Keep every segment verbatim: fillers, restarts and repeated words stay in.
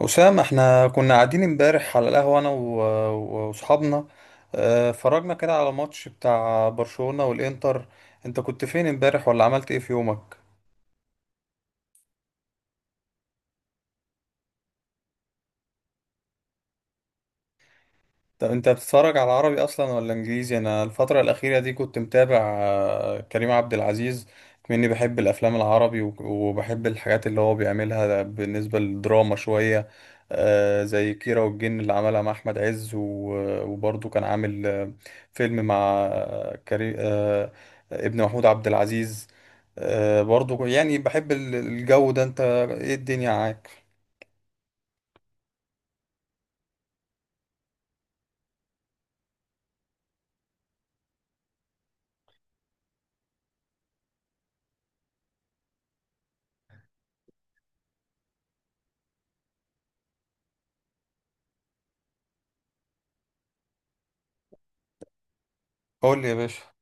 أسامة، احنا كنا قاعدين امبارح على القهوة أنا و- وأصحابنا. آه، اتفرجنا كده على ماتش بتاع برشلونة والإنتر. أنت كنت فين امبارح ولا عملت إيه في يومك؟ طب انت بتتفرج على عربي اصلا ولا انجليزي؟ انا الفتره الاخيره دي كنت متابع آه، كريم عبد العزيز مني، بحب الافلام العربي و- وبحب الحاجات اللي هو بيعملها بالنسبه للدراما شويه. آه، زي كيرة والجن اللي عملها مع احمد عز، و- وبرضه كان عامل آه، فيلم مع آه، كريم، آه، ابن محمود عبد العزيز. آه، برضه يعني بحب ال- الجو ده. انت ايه الدنيا معاك؟ قول لي يا باشا.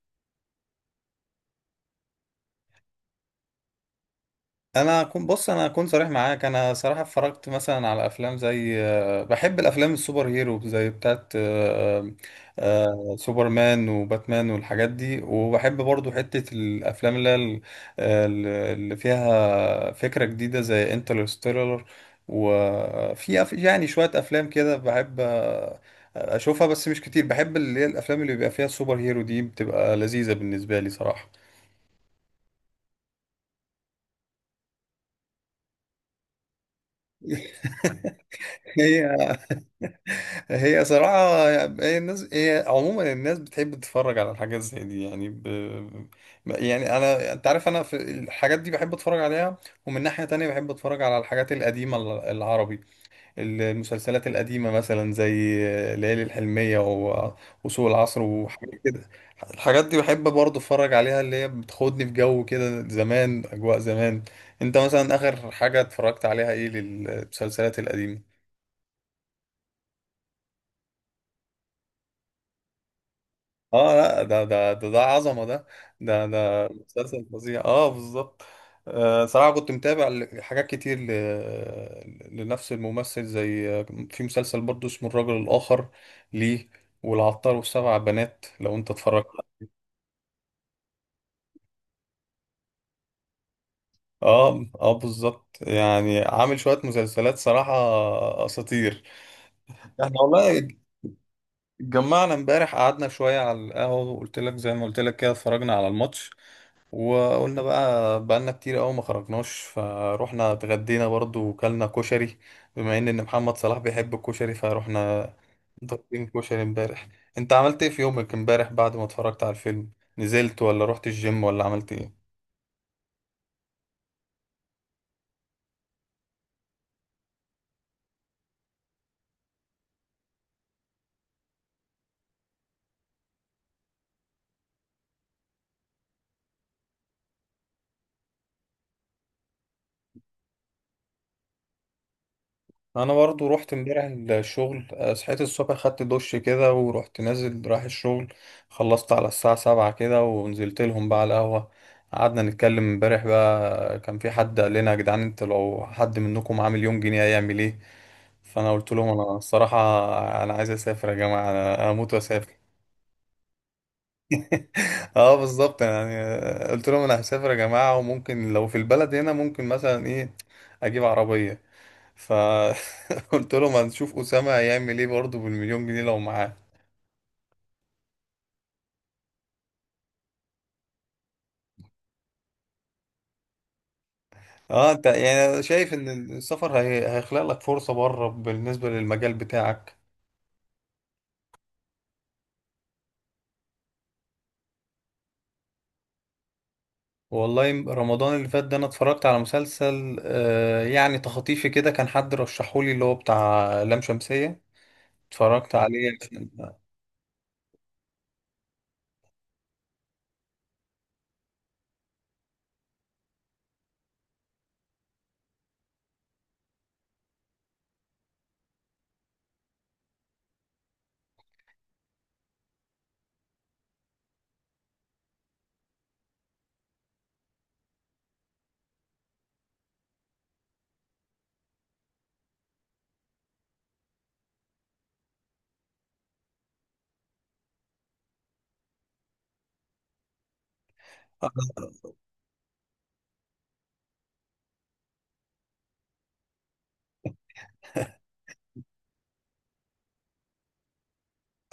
انا كنت بص، انا اكون صريح معاك، انا صراحه اتفرجت مثلا على افلام زي، آه، بحب الافلام السوبر هيرو زي بتاعت آه، آه، سوبرمان وباتمان والحاجات دي، وبحب برضو حته الافلام اللي هي ال- ال- اللي فيها فكره جديده زي انترستيلر. وفي أف- يعني شويه افلام كده بحب آه، اشوفها بس مش كتير. بحب اللي هي الافلام اللي بيبقى فيها السوبر هيرو دي، بتبقى لذيذه بالنسبه لي صراحه. هي صراحة، هي الناس، هي عموما الناس بتحب تتفرج على الحاجات زي دي يعني ب... ب- يعني أنا، أنت عارف أنا في الحاجات دي بحب أتفرج عليها. ومن ناحية تانية بحب أتفرج على الحاجات القديمة، ال- العربي. المسلسلات القديمة مثلا زي ليالي الحلمية و... وسوق العصر وحاجات كده. الحاجات دي بحب برضه أتفرج عليها، اللي هي بتاخدني في جو كده زمان، أجواء زمان. أنت مثلا آخر حاجة اتفرجت عليها إيه للمسلسلات القديمة؟ اه لا، ده ده ده, ده عظمه ده. ده ده مسلسل فظيع، اه بالظبط. آه صراحه كنت متابع ل- حاجات كتير ل... لنفس الممثل زي، آه، في مسلسل برضه اسمه الرجل الاخر، ليه، والعطار والسبع بنات، لو انت اتفرجت. اه اه بالظبط، يعني عامل شويه مسلسلات صراحه، اساطير. احنا والله اتجمعنا امبارح، قعدنا شويه على القهوه، وقلت لك زي ما قلت لك كده، اتفرجنا على الماتش. وقلنا بقى بقالنا كتير قوي ما خرجناش، فروحنا اتغدينا برضو وكلنا كشري. بما ان إن محمد صلاح بيحب الكشري، فروحنا ضاربين كشري امبارح. انت عملت ايه في يومك امبارح بعد ما اتفرجت على الفيلم؟ نزلت ولا رحت الجيم ولا عملت ايه؟ انا برضو رحت امبارح الشغل. آه، صحيت الصبح، خدت دش كده، ورحت نازل رايح الشغل. خلصت على الساعة سبعة كده، ونزلت لهم بقى على القهوة. قعدنا نتكلم امبارح بقى. كان في حد قال لنا، يا جدعان انت لو حد منكم عامل يوم جنيه هيعمل ايه؟ فانا قلت لهم، انا الصراحه انا عايز اسافر يا جماعه، انا اموت واسافر. اه بالظبط يعني. قلت لهم انا هسافر يا جماعه، وممكن لو في البلد هنا ممكن مثلا ايه، اجيب عربيه. فقلت لهم هنشوف اسامه هيعمل ايه برضه بالمليون جنيه لو معاه. اه انت يعني شايف ان السفر هي... هيخلق لك فرصه بره بالنسبه للمجال بتاعك. والله رمضان اللي فات ده، انا اتفرجت على مسلسل آه يعني تخطيفي كده، كان حد رشحولي اللي هو بتاع لام شمسية. اتفرجت عليه.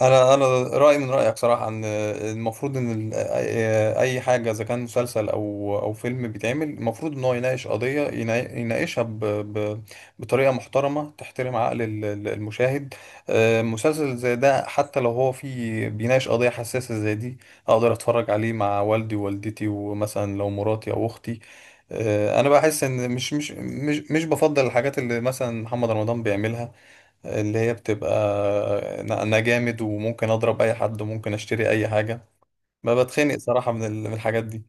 انا انا رايي من رايك صراحه، ان المفروض ان ال- اي أي حاجه اذا كان مسلسل او او فيلم بيتعمل، المفروض ان هو يناقش قضيه، ينا- يناقشها ب... ب... بطريقه محترمه تحترم عقل ال- ال- المشاهد. آه، مسلسل زي ده حتى لو هو فيه بيناقش قضيه حساسه زي دي، اقدر اتفرج عليه مع والدي ووالدتي، ومثلا لو مراتي او اختي. آه، انا بحس ان مش مش مش مش بفضل الحاجات اللي مثلا محمد رمضان بيعملها، اللي هي بتبقى، انا أنا جامد وممكن اضرب اي حد وممكن اشتري اي حاجه. ما بتخنق صراحه من ال- من الحاجات دي.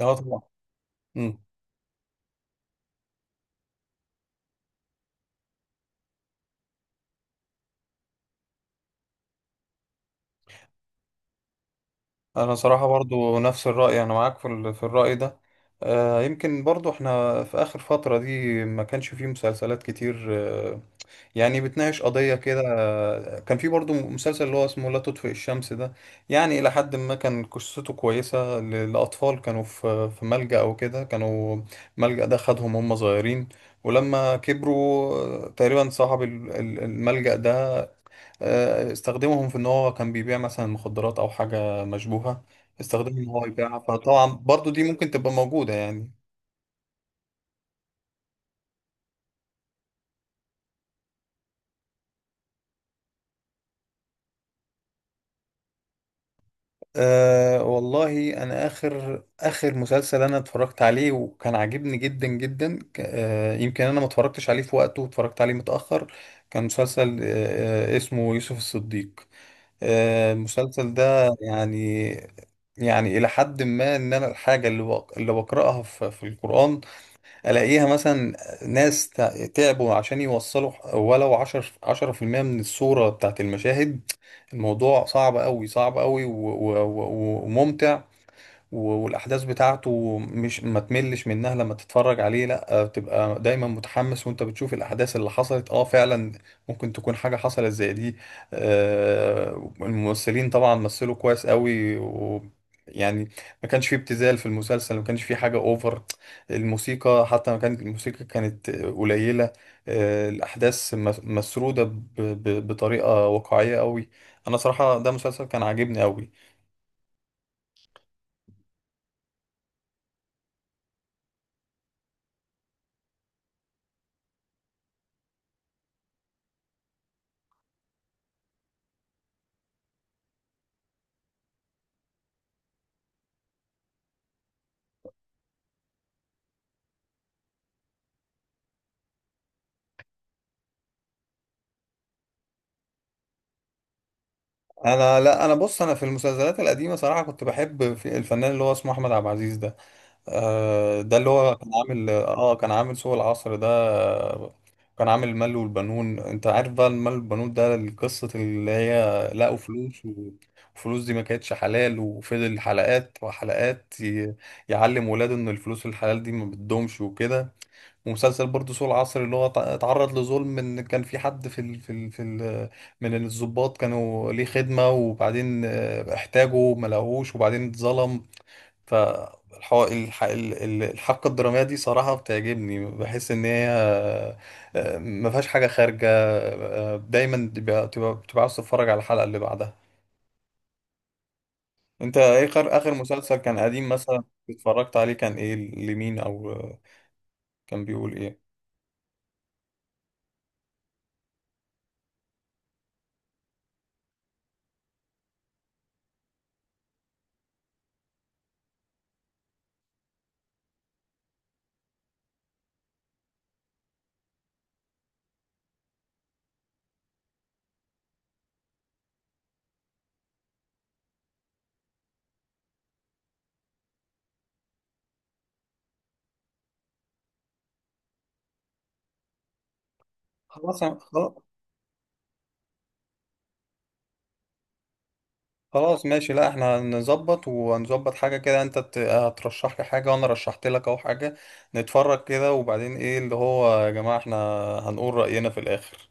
اه طبعا. امم. انا صراحه برضو نفس الراي، انا معاك في ال- في الراي ده. آه يمكن برضو احنا في اخر فتره دي ما كانش فيه مسلسلات كتير آه، يعني بتناقش قضية كده. كان في برضو مسلسل اللي هو اسمه لا تطفئ الشمس ده، يعني إلى حد ما كان قصته كويسة، ل- لأطفال كانوا في في ملجأ أو كده، كانوا ملجأ ده خدهم هم صغيرين. ولما كبروا تقريبا صاحب ال- ال- الملجأ ده آه، استخدمهم في إن هو كان بيبيع مثلا مخدرات أو حاجة مشبوهة، استخدمهم إن هو يبيعها. فطبعا برضو دي ممكن تبقى موجودة يعني. أه والله انا اخر اخر مسلسل انا اتفرجت عليه وكان عاجبني جدا جدا، ك- أه يمكن انا ما اتفرجتش عليه في وقته واتفرجت عليه متأخر. كان مسلسل أه آه، اسمه يوسف الصديق. أه المسلسل ده يعني، يعني الى حد ما، ان انا الحاجة اللي بق- اللي بقرأها في في القرآن، الاقيها مثلا ناس تع- تعبوا عشان يوصلوا ولو عشر عشرة في المية من الصورة بتاعت المشاهد. الموضوع صعب قوي، صعب قوي وممتع. و- والاحداث بتاعته مش ما تملش منها لما تتفرج عليه، لا، آه، بتبقى دايما متحمس وانت بتشوف الاحداث اللي حصلت اه فعلا ممكن تكون حاجه حصلت زي دي. آه، الممثلين طبعا مثلوا كويس قوي و، يعني ما كانش فيه ابتذال في المسلسل، ما كانش فيه حاجه اوفر. الموسيقى حتى، ما كانت، الموسيقى كانت قليله. آه، الاحداث مس- مسروده ب- ب- بطريقه واقعيه قوي. انا صراحه ده مسلسل كان عاجبني قوي. انا لا، انا بص، انا في المسلسلات القديمه صراحه كنت بحب في الفنان اللي هو اسمه احمد عبد العزيز ده. آه، ده اللي هو كان عامل اه كان عامل سوق العصر ده. آه، كان عامل المال والبنون، انت عارف بقى المال والبنون ده القصه اللي هي لقوا فلوس، وفلوس دي ما كانتش حلال، وفضل حلقات وحلقات ي- يعلم ولاده ان الفلوس الحلال دي ما بتدومش وكده. ومسلسل برضه سوق العصر اللي هو تع- اتعرض لظلم، ان كان في حد في ال في ال في ال من الضباط كانوا ليه خدمة، وبعدين آه، احتاجه ما لقوهوش، وبعدين اتظلم. ف الحبكة الدرامية دي صراحة بتعجبني، بحس ان هي آه، ما فيهاش حاجة خارجة. آه، دايما بتبقى بتبقى بتبقى عاوز تتفرج على الحلقة اللي بعدها. انت ايه اخر آخر مسلسل كان قديم مثلا اتفرجت عليه؟ كان ايه؟ لمين؟ او آه، كان بيقول ايه؟ خلاص أنا- خلاص، خلاص ماشي. لا احنا هنظبط وهنظبط حاجة كده. انت ت- هترشح لي حاجة، وانا رشحت لك اهو حاجة. نتفرج كده، وبعدين ايه اللي هو، يا جماعة احنا هنقول رأينا في الاخر.